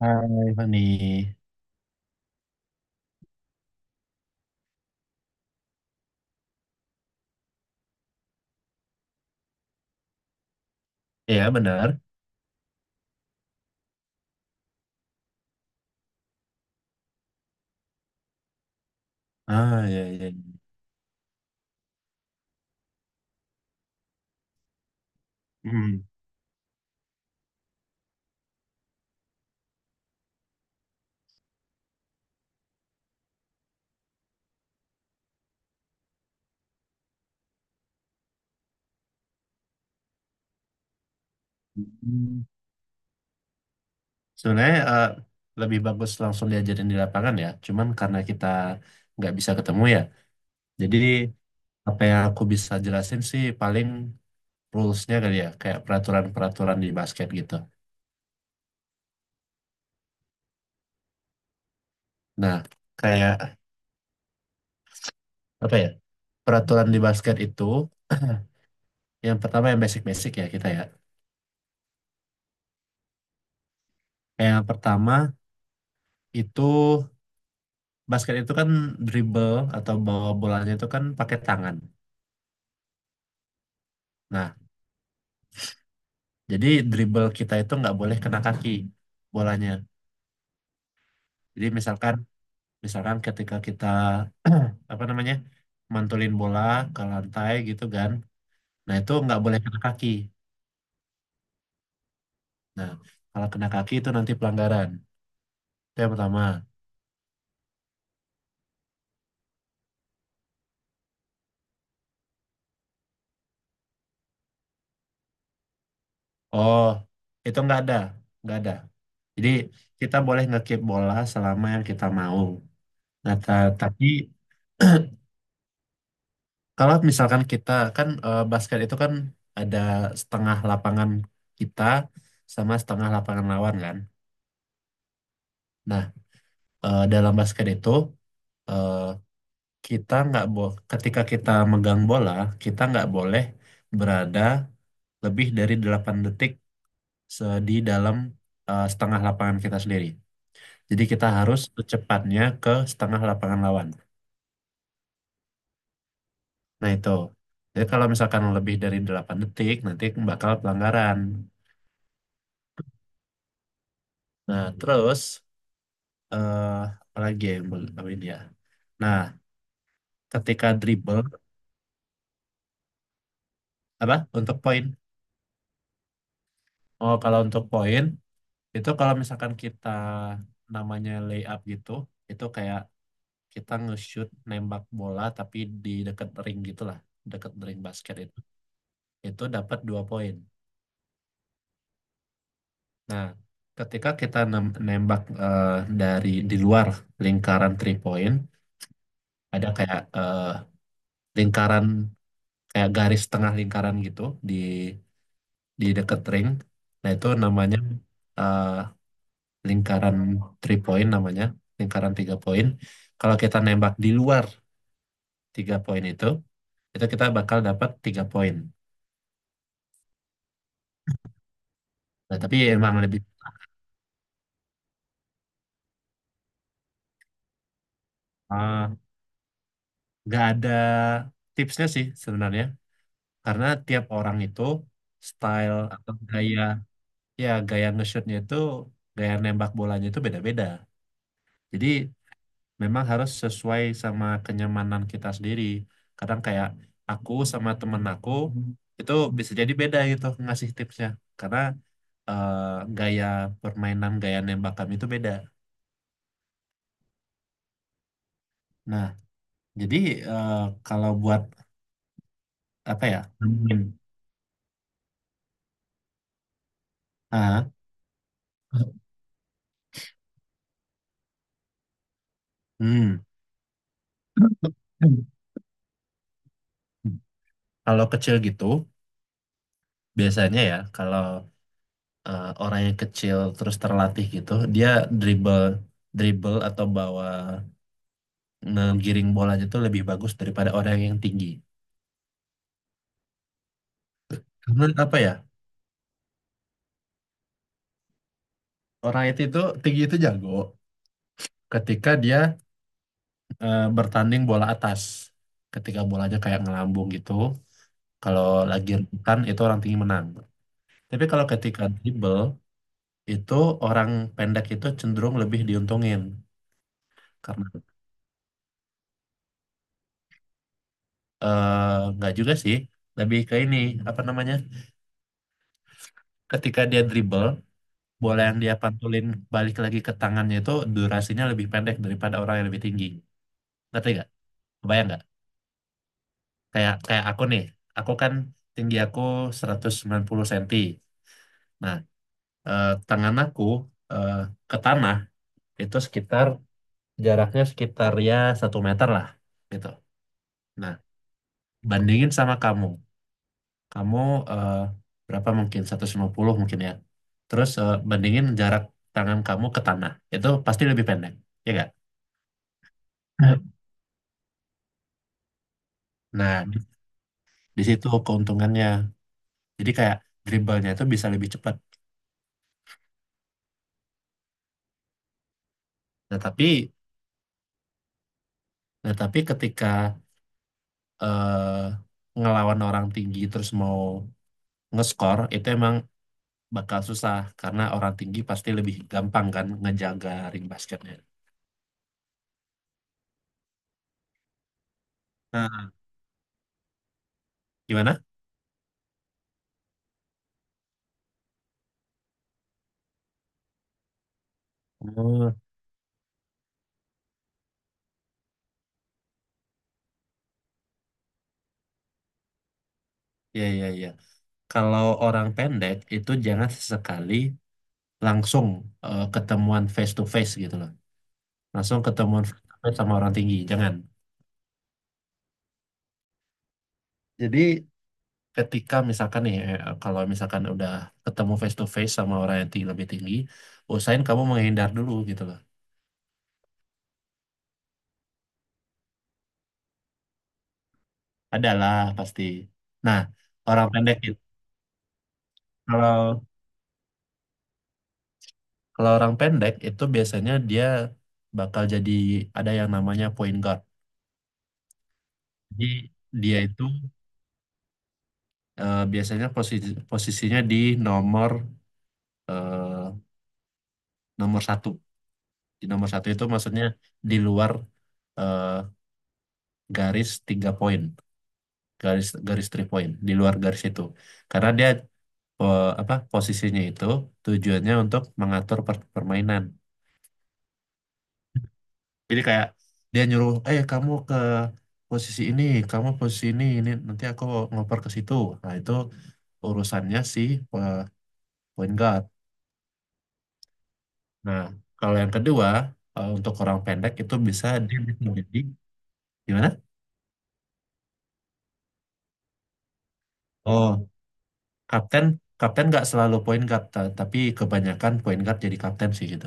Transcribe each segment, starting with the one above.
Hai Fani. Iya benar. Ah ya ya. Hmm. Hmm. Sebenarnya lebih bagus langsung diajarin di lapangan ya. Cuman karena kita nggak bisa ketemu ya. Jadi apa yang aku bisa jelasin sih paling rules-nya kali ya. Kayak peraturan-peraturan di basket gitu. Nah kayak apa ya? Peraturan di basket itu yang pertama yang basic-basic ya kita ya. Yang pertama itu basket itu kan dribble atau bawa bolanya itu kan pakai tangan. Nah, jadi dribble kita itu nggak boleh kena kaki bolanya. Jadi misalkan misalkan ketika kita apa namanya mantulin bola ke lantai gitu kan, nah itu nggak boleh kena kaki. Nah, kalau kena kaki itu nanti pelanggaran. Itu yang pertama. Oh, itu nggak ada, nggak ada. Jadi kita boleh ngekip bola selama yang kita mau. Nah, tapi kalau misalkan kita kan basket itu kan ada setengah lapangan kita sama setengah lapangan lawan kan. Nah, dalam basket itu eh, kita nggak bo ketika kita megang bola, kita nggak boleh berada lebih dari 8 detik di dalam setengah lapangan kita sendiri. Jadi kita harus secepatnya ke setengah lapangan lawan. Nah, itu. Jadi kalau misalkan lebih dari 8 detik nanti bakal pelanggaran. Nah, terus eh apalagi ya yang boleh ditambahin ya. Nah, ketika dribble apa untuk poin? Oh, kalau untuk poin itu kalau misalkan kita namanya layup gitu, itu kayak kita nge-shoot nembak bola tapi di deket ring gitulah, deket ring basket itu. Itu dapat 2 poin. Nah, ketika kita nembak dari di luar lingkaran three point, ada kayak lingkaran kayak garis tengah lingkaran gitu di di dekat ring. Nah, itu namanya eh, lingkaran three point namanya, lingkaran 3 poin. Kalau kita nembak di luar 3 poin itu kita bakal dapat 3 poin. Nah, tapi emang lebih eh, nggak ada tipsnya sih sebenarnya, karena tiap orang itu style atau gaya ya gaya nge-shootnya itu gaya nembak bolanya itu beda-beda. Jadi memang harus sesuai sama kenyamanan kita sendiri. Kadang kayak aku sama temen aku itu bisa jadi beda gitu ngasih tipsnya karena eh, gaya permainan gaya nembak kami itu beda. Nah, jadi eh, kalau buat apa ya? Nemuin. Ah, hmm. Kalau kecil gitu, biasanya ya kalau orang yang kecil terus terlatih gitu, dia dribble dribble atau bawa ngegiring bolanya tuh lebih bagus daripada orang yang tinggi. Menurut apa ya? Orang itu tinggi itu jago ketika dia bertanding bola atas. Ketika bolanya kayak ngelambung gitu, kalau lagi rebutan itu orang tinggi menang. Tapi kalau ketika dribble itu orang pendek itu cenderung lebih diuntungin karena nggak juga sih, lebih ke ini apa namanya? Ketika dia dribble bola yang dia pantulin balik lagi ke tangannya itu durasinya lebih pendek daripada orang yang lebih tinggi. Ngerti gak? Kebayang gak? Kayak kayak aku nih, aku kan tinggi aku 190 cm. Nah, tangan aku eh, ke tanah itu sekitar jaraknya sekitar ya 1 meter lah gitu. Nah, bandingin sama kamu. Kamu eh, berapa mungkin? 150 mungkin ya. Terus bandingin jarak tangan kamu ke tanah. Itu pasti lebih pendek, ya gak? Nah, di situ keuntungannya. Jadi kayak dribblenya itu bisa lebih cepat. Nah, tapi nah, tapi ketika eh, ngelawan orang tinggi terus mau ngeskor itu emang bakal susah karena orang tinggi pasti lebih gampang kan ngejaga ring basketnya. Nah, gimana? Oh, ya ya ya. Kalau orang pendek itu jangan sesekali langsung ketemuan face to face gitu loh. Langsung ketemuan face to face sama orang tinggi, jangan. Jadi ketika misalkan nih kalau misalkan udah ketemu face to face sama orang yang lebih tinggi, usahain kamu menghindar dulu gitu loh. Adalah pasti. Nah, orang pendek itu kalau orang pendek itu biasanya dia bakal jadi ada yang namanya point guard. Jadi dia itu biasanya posisinya di nomor eh, nomor satu. Di nomor satu itu maksudnya di luar eh, garis 3 poin, garis garis three point, di luar garis itu. Karena dia apa posisinya itu tujuannya untuk mengatur permainan. Jadi kayak dia nyuruh, kamu ke posisi ini, kamu posisi ini nanti aku ngoper ke situ. Nah itu urusannya si eh, point guard. Nah kalau yang kedua untuk orang pendek itu dia bisa jadi gimana? Oh, kapten kapten nggak selalu point guard, tapi kebanyakan point guard jadi kapten sih gitu.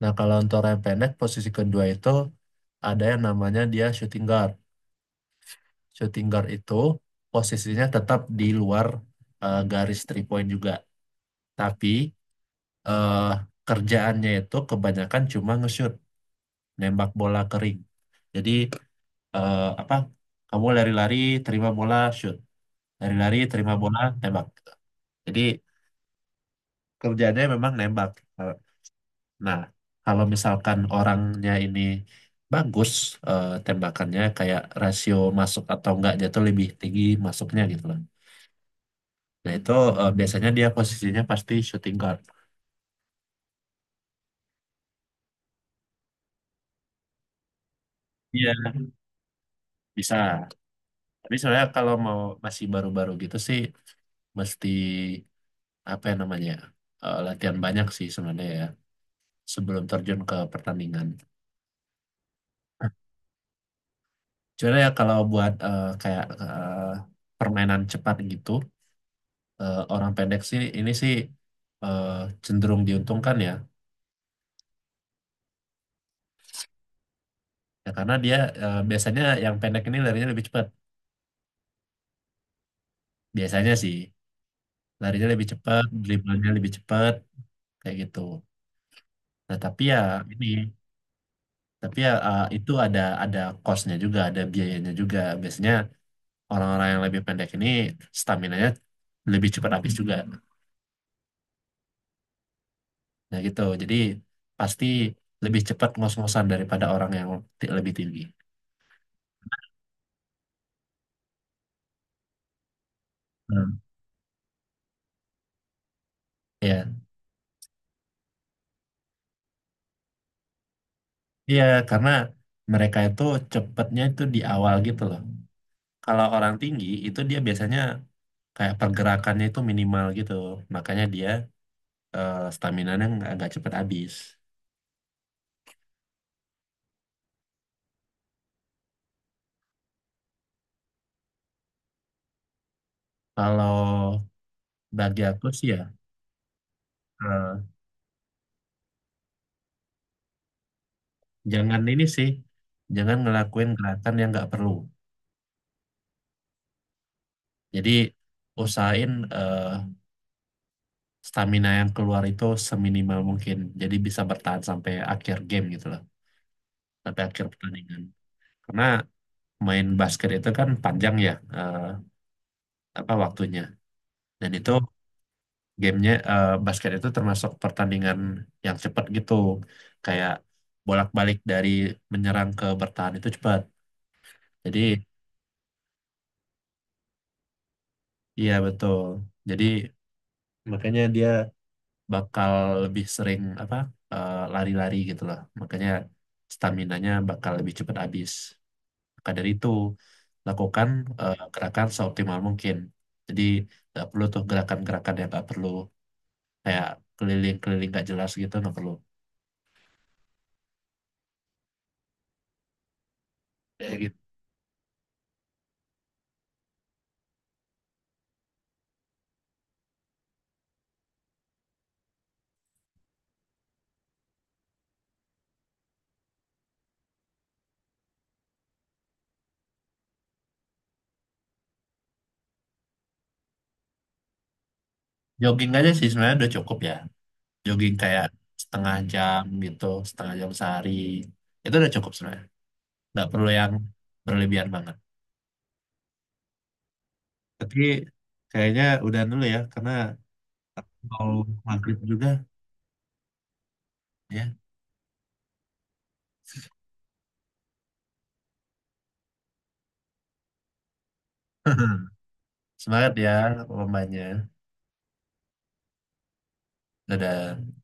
Nah kalau untuk orang yang pendek posisi kedua itu ada yang namanya dia shooting guard. Shooting guard itu posisinya tetap di luar garis three point juga. Tapi eh, kerjaannya itu kebanyakan cuma nge-shoot, nembak bola kering. Jadi apa? Kamu lari-lari, terima bola, shoot. Lari-lari, terima bola, tembak. Jadi kerjaannya memang nembak. Eh, Nah, kalau misalkan orangnya ini bagus tembakannya kayak rasio masuk atau enggaknya tuh lebih tinggi masuknya gitu loh. Nah, itu biasanya dia posisinya pasti shooting guard. Iya, bisa. Tapi sebenarnya kalau mau masih baru-baru gitu sih mesti apa ya namanya latihan banyak sih sebenarnya ya sebelum terjun ke pertandingan. Cuma ya kalau buat kayak permainan cepat gitu orang pendek sih ini sih eh, cenderung diuntungkan ya. Ya karena dia biasanya yang pendek ini larinya lebih cepat. Biasanya sih larinya lebih cepat, dribblenya lebih cepat kayak gitu. Nah tapi ya ini tapi ya eh, itu ada costnya juga, ada biayanya juga. Biasanya orang-orang yang lebih pendek ini stamina-nya lebih cepat habis juga. Nah gitu, jadi pasti lebih cepat ngos-ngosan daripada orang yang lebih tinggi. Hmm. Iya, iya, karena mereka itu cepetnya itu di awal gitu loh. Kalau orang tinggi itu dia biasanya kayak pergerakannya itu minimal gitu, makanya dia eh, nggak cepat habis. Kalau bagi aku sih ya, eh, jangan ini sih, jangan ngelakuin gerakan yang nggak perlu. Jadi usahain eh, stamina yang keluar itu seminimal mungkin. Jadi bisa bertahan sampai akhir game gitu loh, sampai akhir pertandingan. Karena main basket itu kan panjang ya eh, apa waktunya. Dan itu gamenya basket itu termasuk pertandingan yang cepat gitu. Kayak bolak-balik dari menyerang ke bertahan itu cepat. Jadi iya betul. Jadi makanya dia bakal lebih sering apa lari-lari gitu loh. Makanya staminanya bakal lebih cepat habis. Maka dari itu, lakukan gerakan seoptimal mungkin. Jadi nggak perlu tuh gerakan-gerakan yang nggak perlu kayak keliling-keliling nggak jelas gitu nggak perlu. Kayak gitu. Jogging aja sih sebenarnya udah cukup ya. Jogging kayak setengah jam gitu, setengah jam sehari. Itu udah cukup sebenarnya. Nggak perlu yang berlebihan banget. Tapi kayaknya udah dulu ya karena mau maghrib juga ya. Semangat ya pemainnya. Dadah.